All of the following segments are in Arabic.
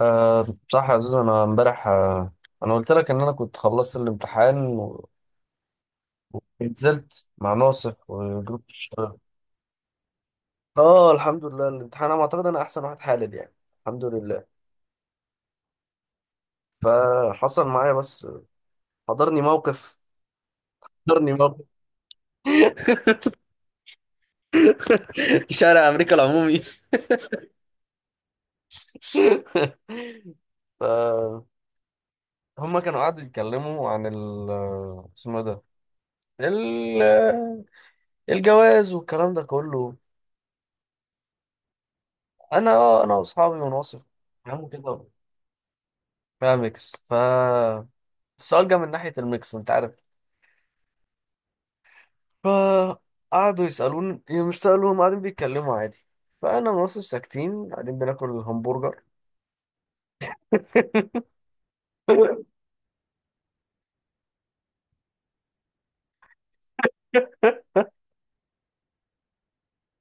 أه صح يا عزيز، انا امبارح انا قلت لك ان انا كنت خلصت الامتحان ونزلت مع ناصف وجروب الشباب. اه الحمد لله، الامتحان انا اعتقد انا احسن واحد حالل يعني. الحمد لله. فحصل معايا بس حضرني موقف حضرني موقف في شارع امريكا العمومي. فهم كانوا قعدوا يتكلموا عن ال آه، اسمه إيه ده؟ ال- آه، الجواز والكلام ده كله. انا واصحابي وناصف فاهموا كده، فاهم ميكس. السؤال جه من ناحية الميكس، انت عارف. فقعدوا يسألوني، يعني مش سألوا، هم قاعدين بيتكلموا عادي. فأنا ما بصش ساكتين قاعدين بناكل الهمبرجر.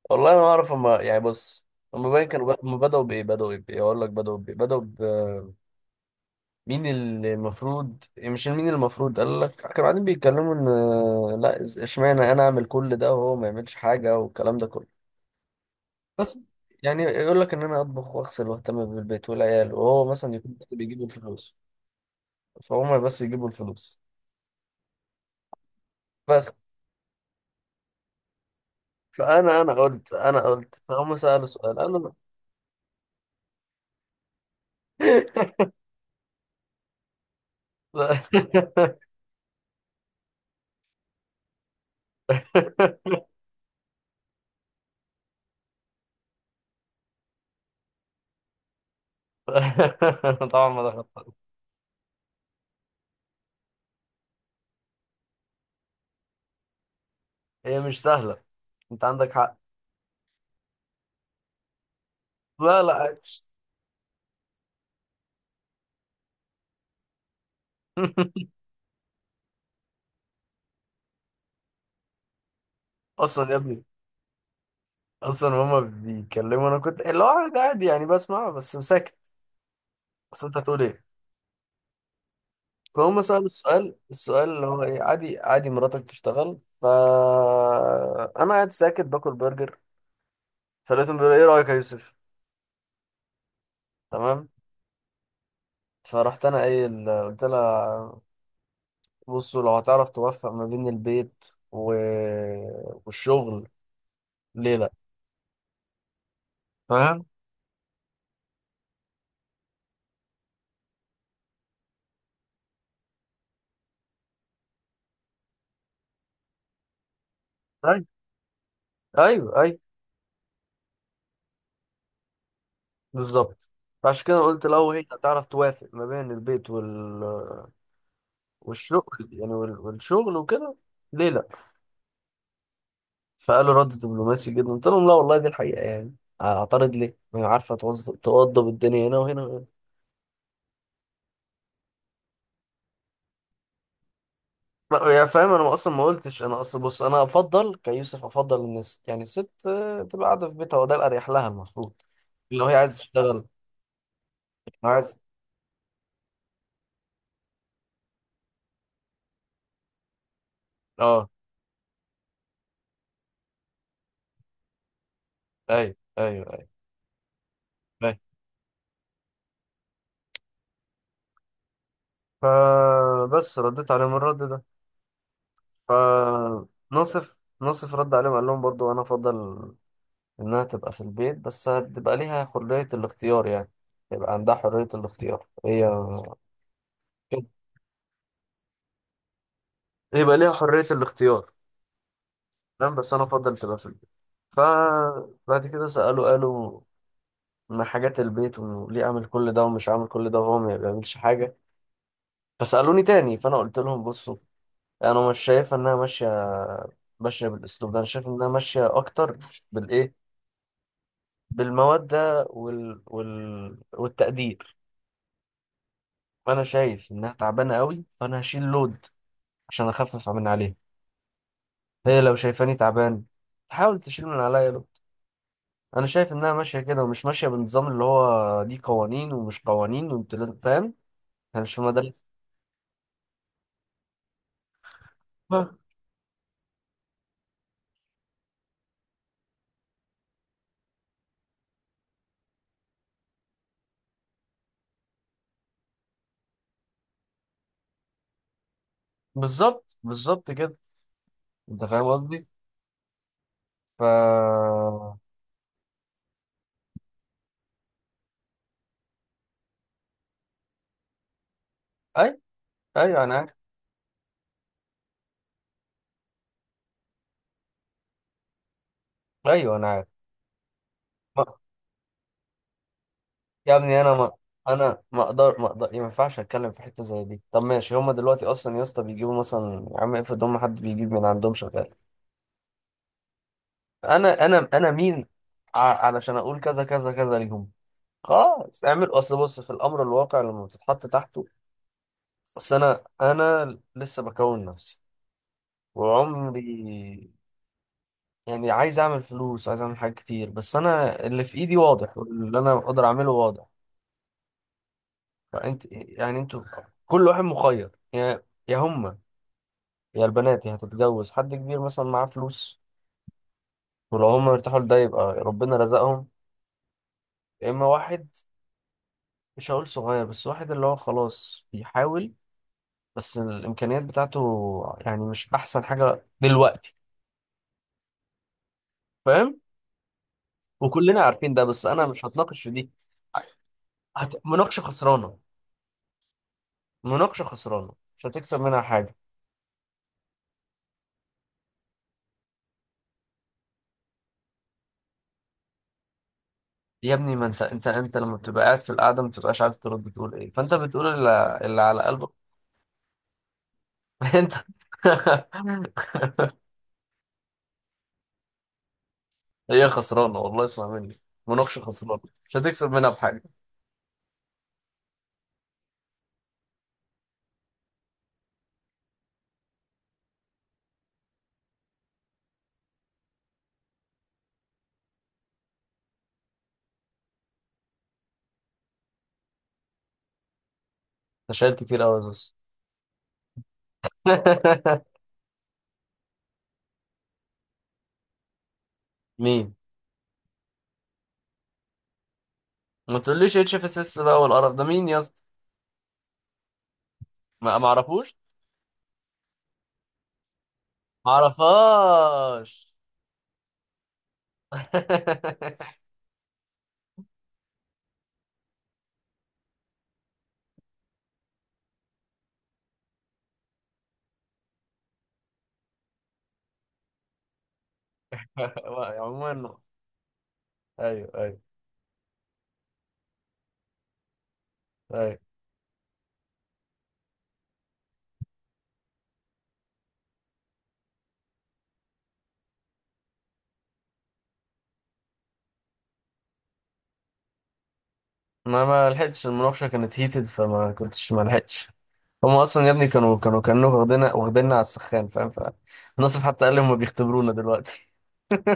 والله ما أعرف هما، يعني بص، هما باين كانوا هما بدأوا بإيه، أقول لك بدأوا بإيه، بدأوا ب مين اللي المفروض، يعني مش مين اللي المفروض قال لك. كانوا قاعدين بيتكلموا إن لا إشمعنى أنا أعمل كل ده وهو ما يعملش حاجة، والكلام ده كله. بس يعني يقول لك إن أنا أطبخ وأغسل وأهتم بالبيت والعيال، وهو مثلا يكون بيجيب الفلوس. فهم بس يجيبوا الفلوس، بس. فانا انا قلت انا قلت فهم سالوا سؤال، انا ف- طبعا ما دخلت. هي مش سهله، انت عندك حق. لا، لا، عادي. اصلا يا ابني، اصلا هما بيتكلموا، انا كنت اللي هو عادي عادي يعني، بسمع بس ساكت. اصل انت هتقول ايه؟ فهم سالوا السؤال، اللي هو ايه، عادي عادي مراتك تشتغل. انا قاعد ساكت باكل برجر، فلقيتهم بيقولوا: ايه رايك يا يوسف؟ تمام. فرحت انا قايل قلت لها: بصوا، لو هتعرف توفق ما بين البيت و... والشغل، ليه لا؟ فاهم. طيب، ايوه، ايوه، بالظبط. فعشان كده قلت: لو هي هتعرف توافق ما بين البيت والشغل يعني، والشغل وكده، ليه لا؟ فقالوا: رد دبلوماسي جدا. قلت لهم: لا والله، دي الحقيقة يعني. اعترض ليه؟ ما هي عارفة توضب الدنيا هنا وهنا. يعني فاهم، انا اصلا ما قلتش، انا اصلا بص، انا افضل كيوسف، افضل ان يعني الست تبقى قاعده في بيتها، وده الاريح لها المفروض. لو هي عايزه تشتغل، لو عايز. اه، ايوه، ايوه، ايوه، ايوه. فبس رديت عليهم الرد ده. فناصف رد عليهم، قال لهم برضو: انا افضل انها تبقى في البيت، بس هتبقى ليها حريه الاختيار يعني. يبقى عندها حريه الاختيار هي، كده، يبقى ليها حريه الاختيار. نعم، بس انا افضل تبقى في البيت. فبعد كده سأله قالوا: ما حاجات البيت؟ وليه اعمل كل ده ومش عامل كل ده وهو ما بيعملش حاجة؟ فسألوني تاني، فانا قلت لهم: بصوا، انا مش شايف انها ماشية، ماشية بالاسلوب ده. انا شايف انها ماشية اكتر بالايه، بالمودة والتقدير. فانا شايف انها تعبانة قوي، فانا هشيل لود عشان اخفف من عليها. هي لو شايفاني تعبان، تحاول تشيل من عليا. انا شايف انها ماشيه كده، ومش ماشيه بالنظام اللي هو دي قوانين ومش قوانين وانت لازم، فاهم. احنا مش في مدرسه. بالظبط، بالظبط كده. انت فاهم قصدي. ف اي، ايوه انا عارف. ايوه انا عارف. ما- يا ابني، انا ما انا ما اقدر ما اقدر، ما ينفعش اتكلم في حته زي دي. طب ماشي، هما دلوقتي اصلا يا اسطى بيجيبوا مثلا، يا عم افرض هما حد بيجيب من عندهم شغال. انا مين ع- علشان اقول كذا كذا كذا ليهم؟ خلاص اعمل، اصل بص في الامر الواقع لما بتتحط تحته. بس انا لسه بكون نفسي وعمري، يعني عايز اعمل فلوس وعايز اعمل حاجات كتير، بس انا اللي في ايدي واضح، واللي انا اقدر اعمله واضح. فانت يعني، انتوا كل واحد مخير، يا هما، يا البنات، يا هتتجوز حد كبير مثلا معاه فلوس، ولو هما مرتاحوا لده يبقى ربنا رزقهم. يا اما واحد، مش هقول صغير، بس واحد اللي هو خلاص بيحاول، بس الامكانيات بتاعته يعني مش احسن حاجة دلوقتي، فاهم. وكلنا عارفين ده، بس انا مش هتناقش في دي. مناقشه خسرانه، مناقشه خسرانه، مش هتكسب منها حاجه. يا ابني، ما انت لما بتبقى قاعد في القعده ما بتبقاش عارف ترد بتقول ايه، فانت بتقول اللي على قلبك. انت. هي خسرانه والله، اسمع مني، مناقشه خسرانه، مش هتكسب منها بحاجه. انت شايل كتير قوي يا زوز. مين؟ ما تقوليش HFSS بقى والقرف ده، مين يا اسطى؟ ما اعرفوش، ما اعرفهاش. عموما، ايوه، ايوه، أيوة. ما لحقتش، المناقشة كانت فما كنتش، ما لحقتش. هما أصلا يا ابني كانوا، واخديننا على السخان، فاهم. فناصف حتى قال لي: هما بيختبرونا دلوقتي.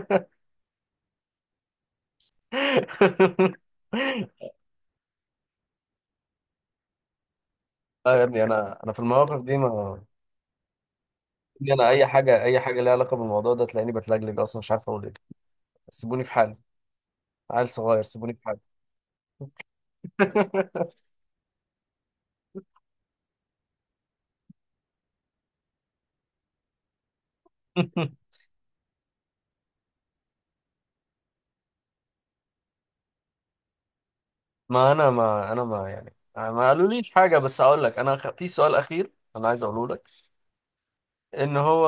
لا يا ابني، أنا في المواقف دي ما يعني، أنا أي حاجة، أي حاجة ليها علاقة بالموضوع ده تلاقيني بتلجلج، أصلا مش عارف أقول إيه. سيبوني في حالي، عيل صغير، سيبوني في حالي. ما أنا ما أنا ما يعني ما قالوليش حاجة، بس أقول لك. أنا في سؤال أخير أنا عايز أقوله لك. ان هو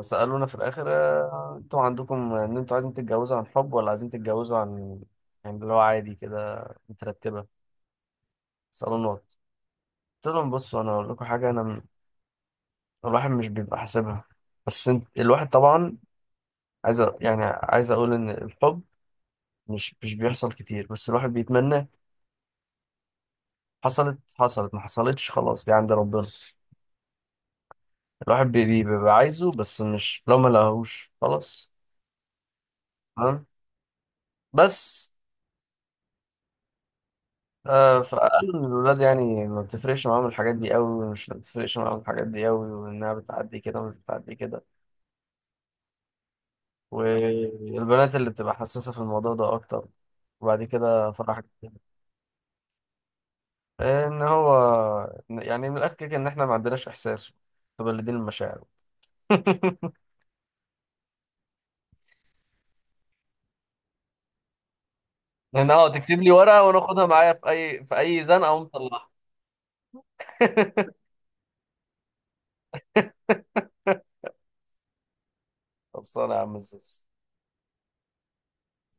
سألونا في الاخر: انتوا عندكم ان انتوا عايزين تتجوزوا عن حب، ولا عايزين تتجوزوا عن، يعني اللي هو عادي كده، مترتبة، صالونات؟ قلت لهم: بصوا، انا اقول لكم حاجة، الواحد مش بيبقى حاسبها، بس انت الواحد طبعا عايز يعني عايز اقول ان الحب مش بيحصل كتير، بس الواحد بيتمنى. حصلت حصلت، ما حصلتش خلاص، دي عند ربنا. الواحد بيبقى عايزه، بس مش لو ما لقاهوش خلاص. تمام، بس. فقال إن الولاد يعني ما بتفرقش معاهم الحاجات دي قوي، ومش بتفرقش معاهم الحاجات دي قوي، وانها بتعدي كده ومش بتعدي كده، والبنات اللي بتبقى حساسة في الموضوع ده اكتر. وبعد كده فرح، ان هو يعني من الاخر كده ان احنا ما عندناش احساس، متبلدين المشاعر. ان تكتب لي ورقة وناخدها معايا في اي زنقة ونطلعها. خلصانة يا عم الزوز.